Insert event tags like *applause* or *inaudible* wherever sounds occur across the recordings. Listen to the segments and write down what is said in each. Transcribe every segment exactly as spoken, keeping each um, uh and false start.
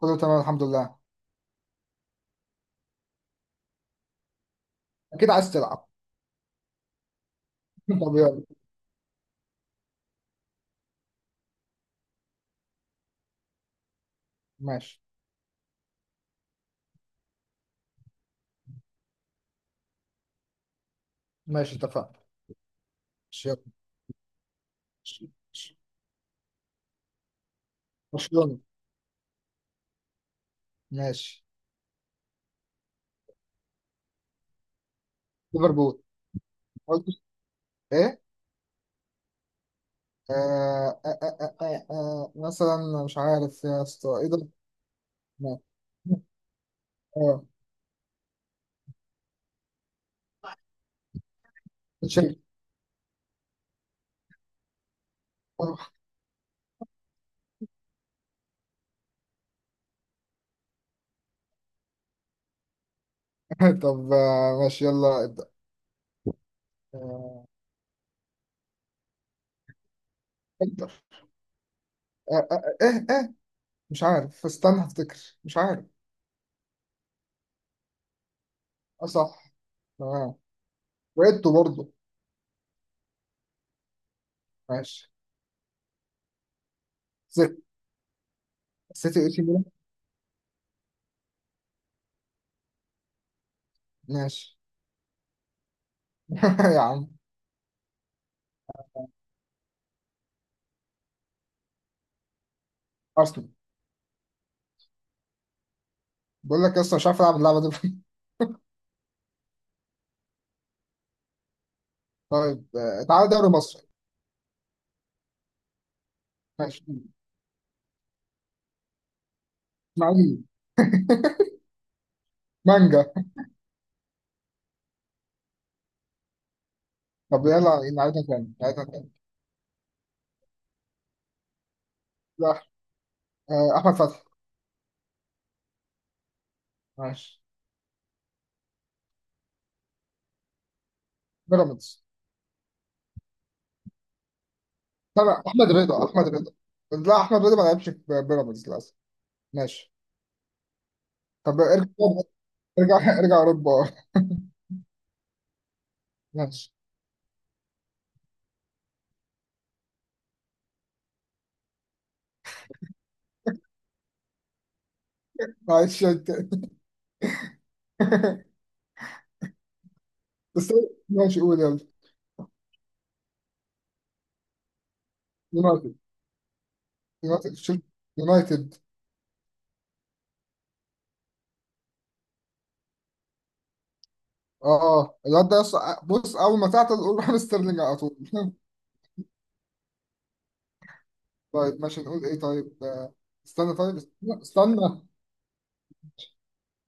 كله تمام الحمد لله. اكيد عايز تلعب. *laughs* طب يلا. ماشي. ماشي اتفقنا. ماشي يلا. ماشي. ماشي. برشلونة. ماشي. ليفربول. قلت ايه؟ آه آه آه آه آه. آه، مثلا مش عارف يا اسطى ايه ده. ما- اه. تشيلسي. *laughs* طب آه، ماشي يلا ابدأ. آه، انتر. آه، آه، آه، ايه ايه مش عارف استنى افتكر مش عارف. اه صح. تمام. وقيته برضه. ماشي. سيتي. سيتي اي سي ميلان. ماشي. *laughs* يا عم. ارسنال. بقول لك اصلا مش عارف العب اللعبه دي. *laughs* طيب آه، تعالى دوري مصر. ماشي. اسماعيلي. *laughs* مانجا. طب يلا نعيدها تاني نعيدها تاني. لا. آه، احمد فتحي. ماشي. بيراميدز. لا لا احمد رضا احمد رضا. لا احمد رضا ما لعبش في بيراميدز للاسف. ماشي. طب ارجع. ارجع ارجع اوروبا. *laughs* ماشي. معلش أنت. *laughs* بس. ماشي قول يلا. يونايتد. يونايتد شيل- يونايتد. اه الواد ده يص- بص اول ما تعطل قول راح ستيرلينج على طول. *laughs* طيب ماشي نقول ايه طيب آه، استنى طيب استنى استنى.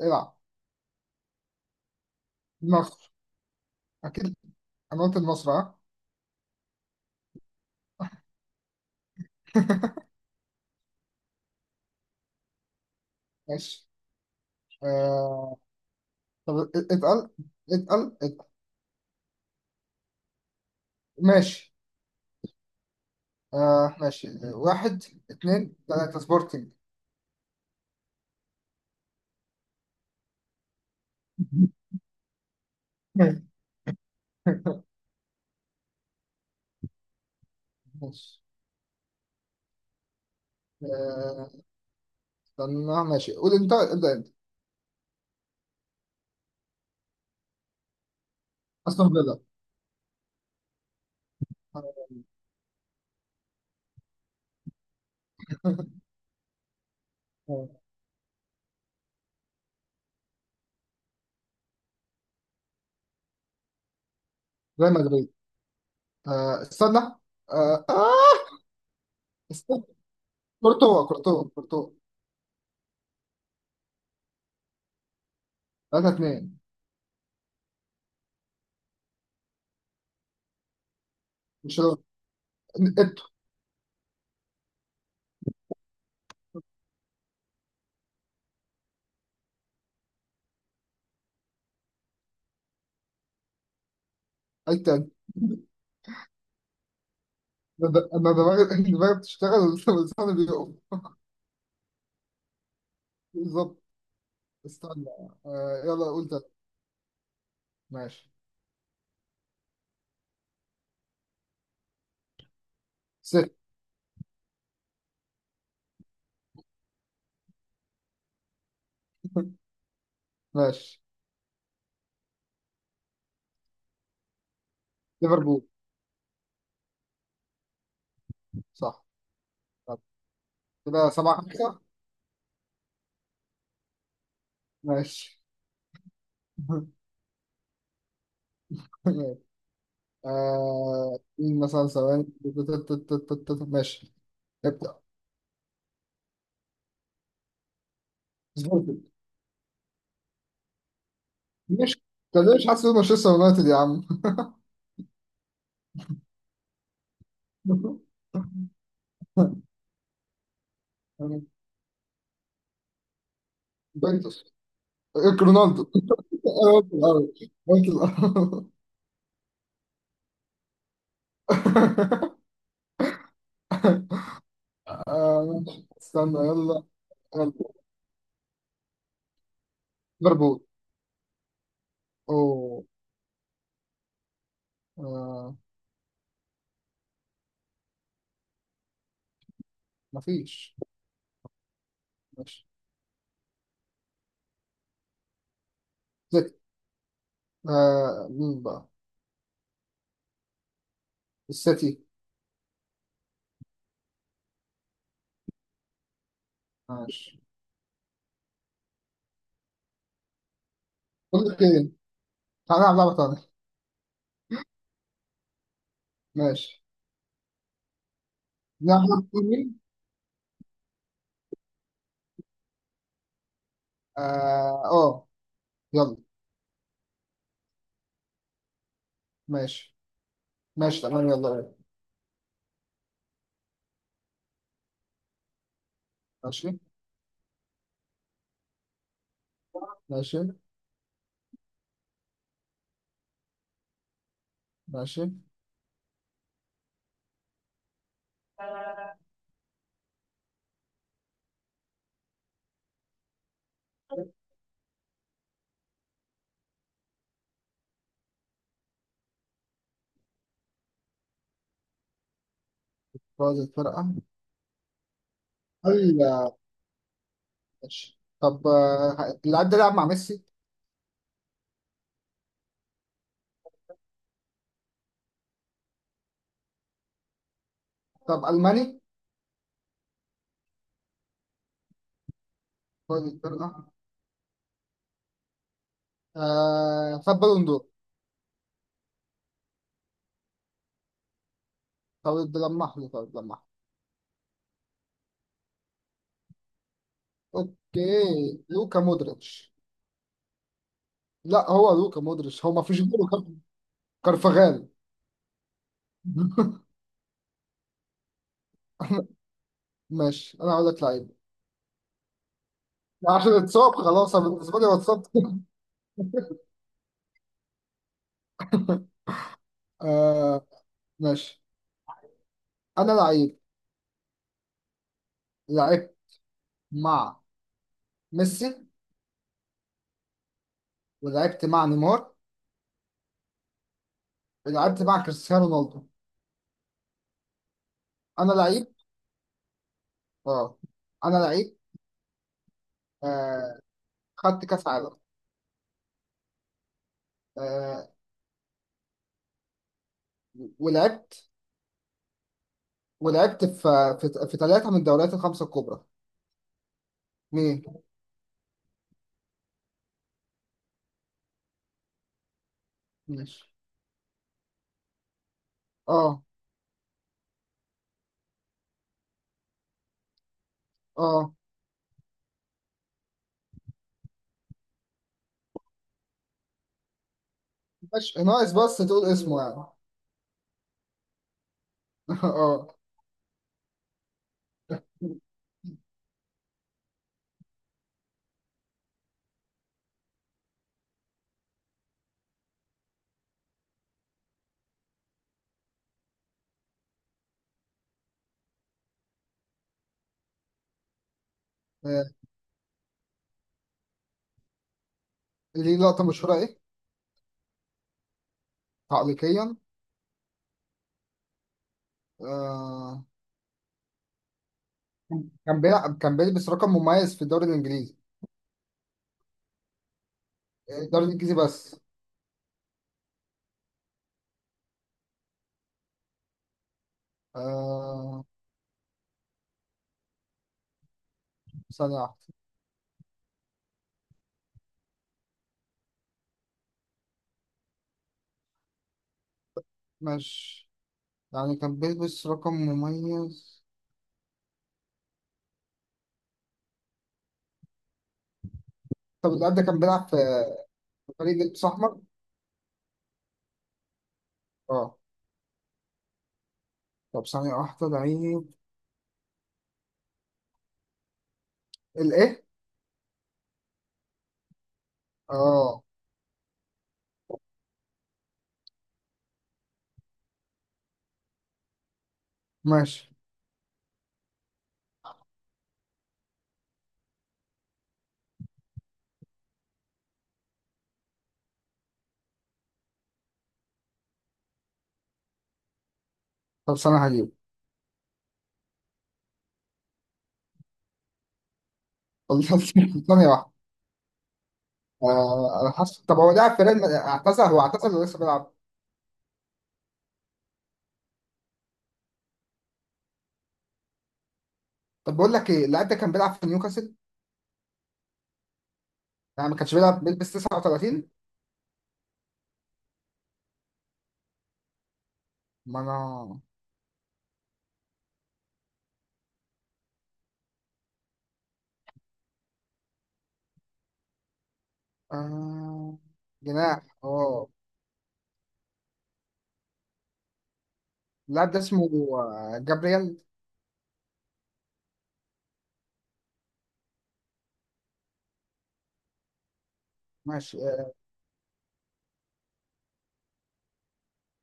العب. مصر. اكيد. انا قلت مصر ها. *laughs* ماشي. آه طب اتقل. اتقل اتقل. ماشي. آه ماشي آه، واحد اتنين تلاتة سبورتنج. *laughs* ماشي. آه استنى ماشي قول انت ابدأ انت. استون فيلا. *laughs* آه، ريال مدريد. آه استنى آه. آه استنى. كورتوا كورتوا كورتوا. تلاتة لاتنين. برشلونة. انتوا. اي. انا د- أنا دماغي *laughs* دماغي بتشتغل *laughs* لساني بيقف. بالظبط. استنى. آه يلا قول تلاتة. ماشي. ست. ماشي. ليفربول. صح. طب كده سبعة خمسة. ماشي. *laughs* ماشي. آه مين مثلا ثواني *laughs* ماشي. ابدأ. سبورتنج. مش طب ليه مش حاسس إن مانشستر يونايتد يا عم. *laughs* يوفنتوس. إيه، رونالدو. *laughs* أنا قلت الأول. قلت الأول. *laughs* آه، استنى يلا. آه، ليفربول. أوه. آه. مفيش. ماشي. زي. آه. مين بقى؟ السيتي. ماشي. بقول لك إيه، تعالى نلعب لعبة تانية. ماشي نلعب لعبة تانية. آه. آه يلا. ماشي. ماشي تمام يلا بينا. ماشي. ماشي. ماشي. فاز الفرقة. هل. ماشي طب آه، اللاعب ده لعب مع ميسي. طب ألماني. فاز الفرقة. آه. خد بالون دور. طب لمح لي طب لمح. اوكي لوكا مودريتش. لا هو لوكا مودريتش هو ما فيش غيره. كار- كارفاغال. *laughs* ماشي انا هقول لك لعيب. عشان اتصاب خلاص أنا بالنسبه لي هو اتصاب. آه ماشي. انا لعيب. لعبت مع ميسي ولعبت مع نيمار ولعبت مع كريستيانو رونالدو. انا لعيب. اه انا لعيب. آه خدت كاس عالم. آه. ولعبت. ولعبت في في في ثلاثه من الدوريات الخمسه الكبرى. مين؟ ماشي. اه اه مش ناقص بس تقول اسمه يعني. *laughs* اه. آه، ليه لقطة مشهورة ايه؟ تعليقيا. آه. كان بيلعب كان بيلبس رقم مميز في الدوري الانجليزي. الدوري الانجليزي بس؟ آه. ثانية واحدة. ماشي. يعني كان بيلبس رقم مميز. طب اللاعب ده كان بيلعب في فريق لبس احمر. اه. طب ثانية واحدة لعيب. الايه؟ اه. ماشي. طب ثانية هجيب. *laughs* ثانية واحدة. آه انا حاسس. طب هو لعب في ريال مد- اعتزل هو اعتزل ولا لسه بيلعب؟ طب بقول لك ايه، اللاعب ده كان بيلعب في نيوكاسل؟ يعني ما كانش بيلعب بيلبس تسعة وتلاتين؟ ما انا. آه... جناح اه. اللاعب ده اسمه آه، جابرييل. ماشي.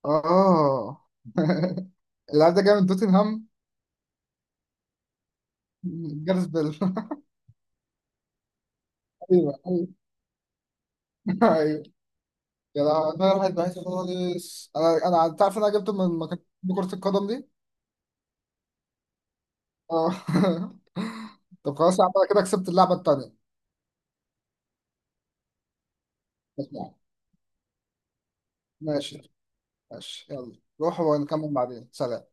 اه آه. *laughs* اللاعب ده جاي من توتنهام. جارس بيل. *laughs* ايوه ايوه. ايوه. يا لهوي، انا رايح بعيد خالص. انا انا أنت عارف إن انا جبته من مكان. كرة القدم دي. اه. *laughs* طب خلاص يا عم انا كده كسبت اللعبة التانية. اسمع. ماشي. ماشي يلا روح ونكمل بعدين. سلام.